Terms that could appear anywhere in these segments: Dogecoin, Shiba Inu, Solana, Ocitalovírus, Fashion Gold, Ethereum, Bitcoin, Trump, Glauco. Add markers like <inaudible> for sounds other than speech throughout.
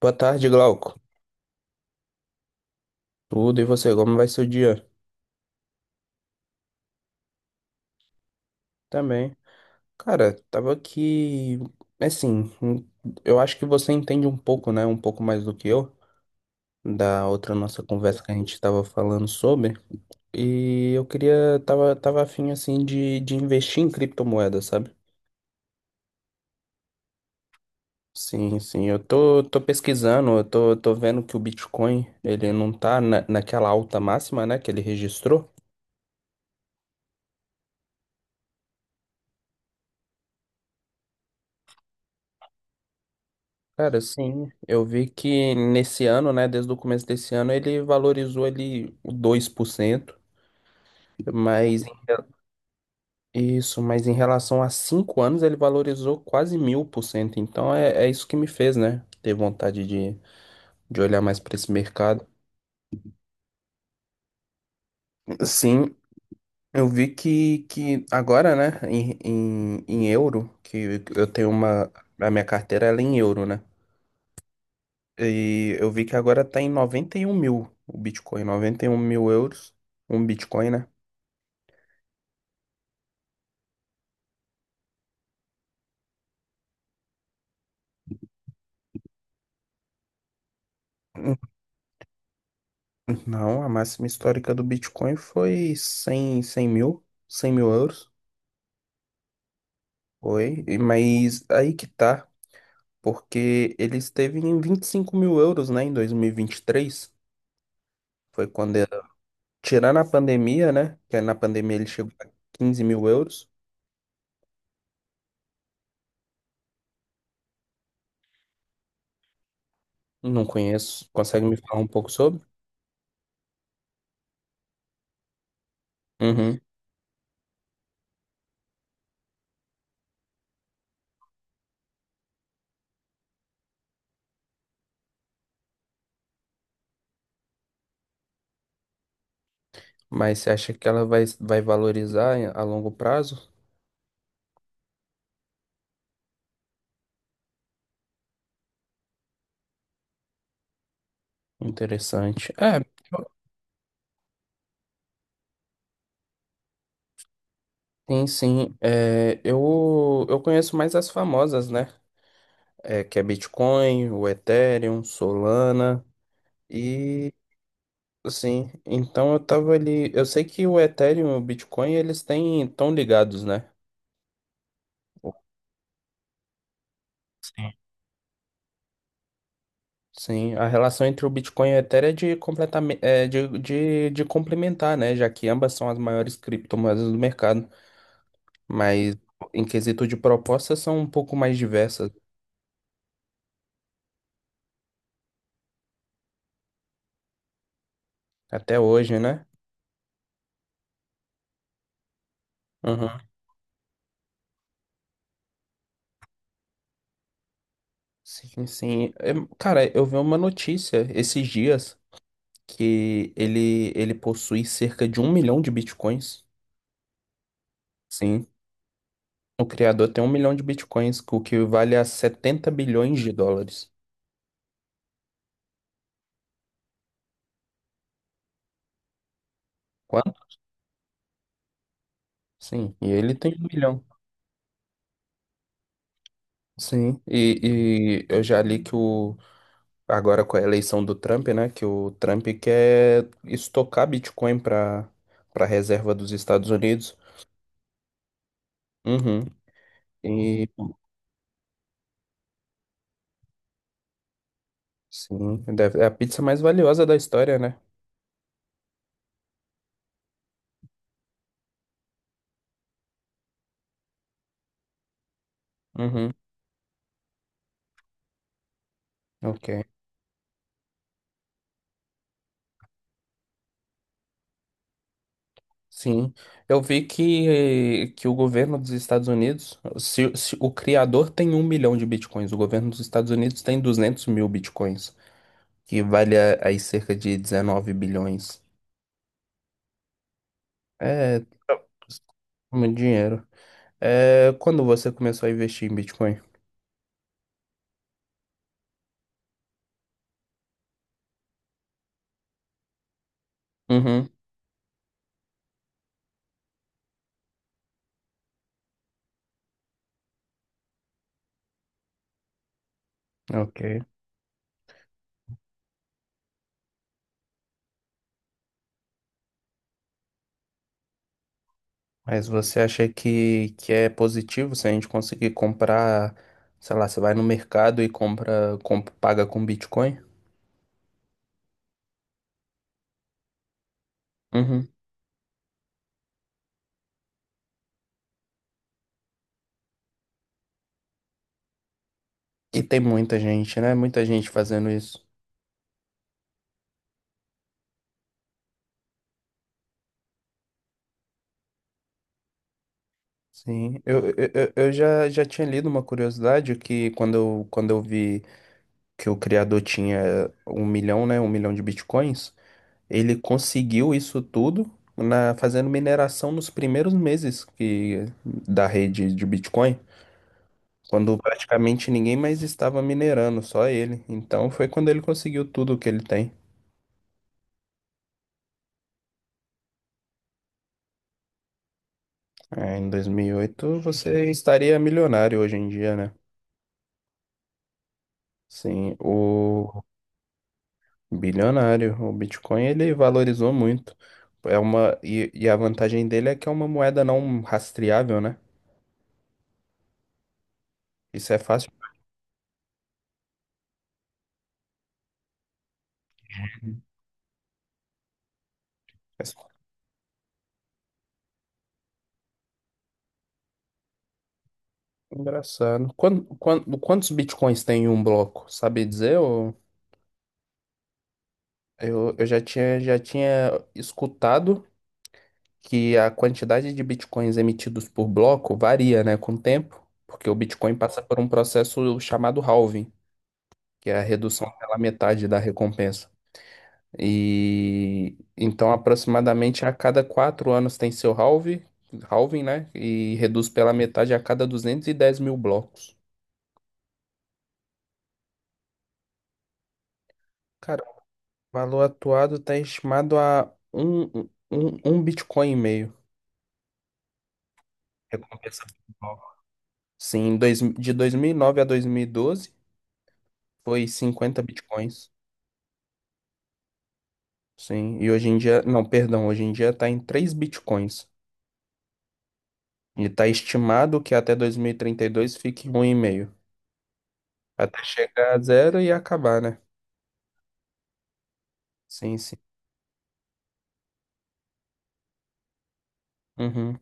Boa tarde, Glauco. Tudo e você, como vai seu dia? Também. Cara, tava aqui. Assim, eu acho que você entende um pouco, né? Um pouco mais do que eu, da outra nossa conversa que a gente tava falando sobre. E eu queria. Tava afim assim, de investir em criptomoedas, sabe? Sim, sim. Eu tô pesquisando, eu tô vendo que o Bitcoin, ele não tá naquela alta máxima, né? Que ele registrou. Cara, sim, eu vi que nesse ano, né, desde o começo desse ano, ele valorizou ali o 2%, mas em re- isso, mas em relação a 5 anos, ele valorizou quase 1.000%. Então é isso que me fez, né, ter vontade de olhar mais para esse mercado. Sim, eu vi que agora, né, em euro, que eu tenho a minha carteira ela é em euro, né? E eu vi que agora tá em 91 mil o Bitcoin, 91 mil euros, um Bitcoin, né? <laughs> Não, a máxima histórica do Bitcoin foi cem mil, 100 mil euros, foi, mas aí que tá, porque ele esteve em 25 mil euros, né, em dois mil e vinte e três, foi quando, tirando a pandemia, né, que na pandemia ele chegou a 15 mil euros. Não conheço, consegue me falar um pouco sobre? Uhum. Mas você acha que ela vai valorizar a longo prazo? Interessante. É, sim, sim. É, eu conheço mais as famosas, né? É, que é Bitcoin, o Ethereum, Solana e assim. Então eu tava ali. Eu sei que o Ethereum e o Bitcoin eles têm tão ligados, né? O- Sim. Sim, a relação entre o Bitcoin e o Ethereum é de completamente é de complementar, né? Já que ambas são as maiores criptomoedas do mercado, mas em quesito de propostas são um pouco mais diversas até hoje, né? Uhum. Sim, sim. É, cara, eu vi uma notícia esses dias que ele possui cerca de 1 milhão de bitcoins. Sim, o criador tem um milhão de bitcoins, o que vale a 70 bilhões de dólares. Quanto? Sim, e ele tem um milhão. Sim, e eu já li que o, agora com a eleição do Trump, né, que o Trump quer estocar Bitcoin para para reserva dos Estados Unidos. Uhum. E sim, é a pizza mais valiosa da história, né? Uhum, ok. Sim. Eu vi que o governo dos Estados Unidos, se o criador tem um milhão de bitcoins, o governo dos Estados Unidos tem 200 mil bitcoins, que vale aí cerca de 19 bilhões. É muito dinheiro. É, quando você começou a investir em Bitcoin? Uhum, ok. Mas você acha que é positivo se a gente conseguir comprar, sei lá, você vai no mercado e compra, paga com Bitcoin? Uhum. E tem muita gente, né? Muita gente fazendo isso. Sim, eu já tinha lido uma curiosidade que quando eu vi que o criador tinha um milhão, né? Um milhão de bitcoins, ele conseguiu isso tudo na, fazendo mineração nos primeiros meses da rede de Bitcoin, quando praticamente ninguém mais estava minerando, só ele. Então foi quando ele conseguiu tudo que ele tem. É, em 2008 você estaria milionário hoje em dia, né? Sim, o bilionário. O Bitcoin ele valorizou muito. É uma e a vantagem dele é que é uma moeda não rastreável, né? Isso é fácil. É engraçado. Quantos bitcoins tem em um bloco? Sabe dizer? Ou... Eu já tinha escutado que a quantidade de bitcoins emitidos por bloco varia, né, com o tempo, porque o Bitcoin passa por um processo chamado halving, que é a redução pela metade da recompensa. E então, aproximadamente a cada 4 anos tem seu halving, né? E reduz pela metade a cada 210 mil blocos. Cara, o valor atuado está estimado a um Bitcoin e meio. Recompensa por bloco. Sim, dois, de 2009 a 2012 foi 50 Bitcoins. Sim, e hoje em dia, não, perdão, hoje em dia está em 3 Bitcoins. E está estimado que até dois mil e trinta e dois fique um e meio. Até chegar a zero e acabar, né? Sim, sim. Uhum.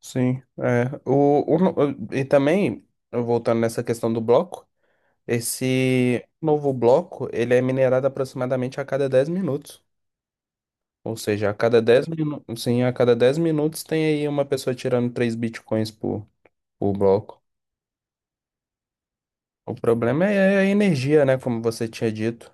Sim, é. O, no- E também, voltando nessa questão do bloco, esse novo bloco, ele é minerado aproximadamente a cada 10 minutos. Ou seja, a cada 10 minutos, sim, a cada 10 minutos tem aí uma pessoa tirando 3 bitcoins por bloco. O problema é a energia, né, como você tinha dito.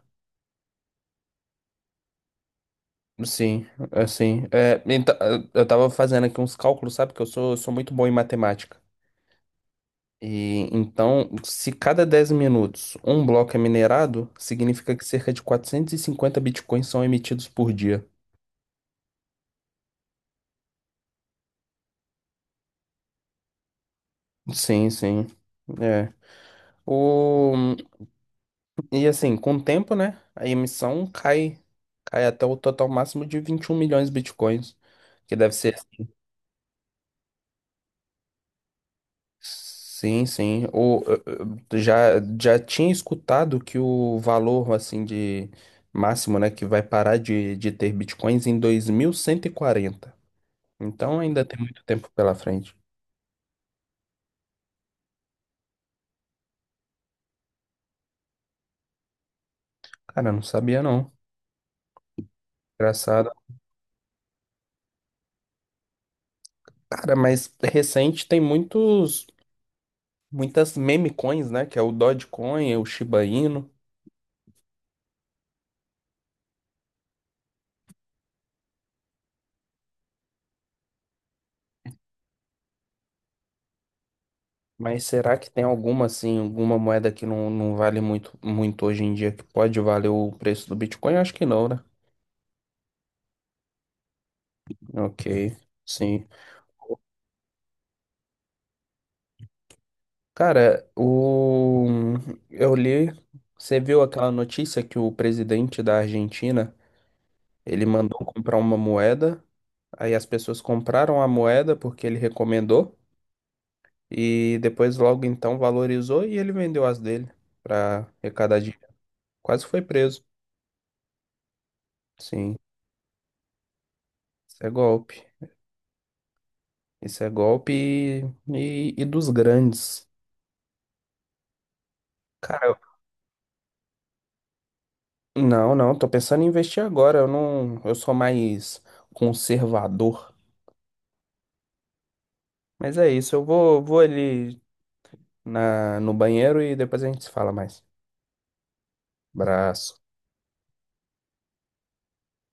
Sim, assim, é, então, eu tava fazendo aqui uns cálculos, sabe, que eu sou muito bom em matemática. E então, se cada 10 minutos um bloco é minerado, significa que cerca de 450 bitcoins são emitidos por dia. Sim, sim. É. O... E assim, com o tempo, né? A emissão cai até o total máximo de 21 milhões de bitcoins, que deve ser. Sim, sim. Eu já tinha escutado que o valor, assim, de máximo, né? Que vai parar de ter bitcoins em 2140. Então ainda tem muito tempo pela frente. Cara, eu não sabia não. Engraçado. Cara, mas recente tem muitas meme coins, né? Que é o Dogecoin, o Shiba Inu. Mas será que tem alguma assim, alguma moeda que não vale muito, muito hoje em dia que pode valer o preço do Bitcoin? Acho que não, né? Ok, sim. Cara, eu li, você viu aquela notícia que o presidente da Argentina, ele mandou comprar uma moeda. Aí as pessoas compraram a moeda porque ele recomendou e depois logo então valorizou e ele vendeu as dele para arrecadar dinheiro. Quase foi preso. Sim, isso é golpe. Isso é golpe e dos grandes. Cara, não, não, tô pensando em investir agora. Eu não, eu sou mais conservador. Mas é isso, eu vou ali na, no banheiro e depois a gente se fala mais. Abraço.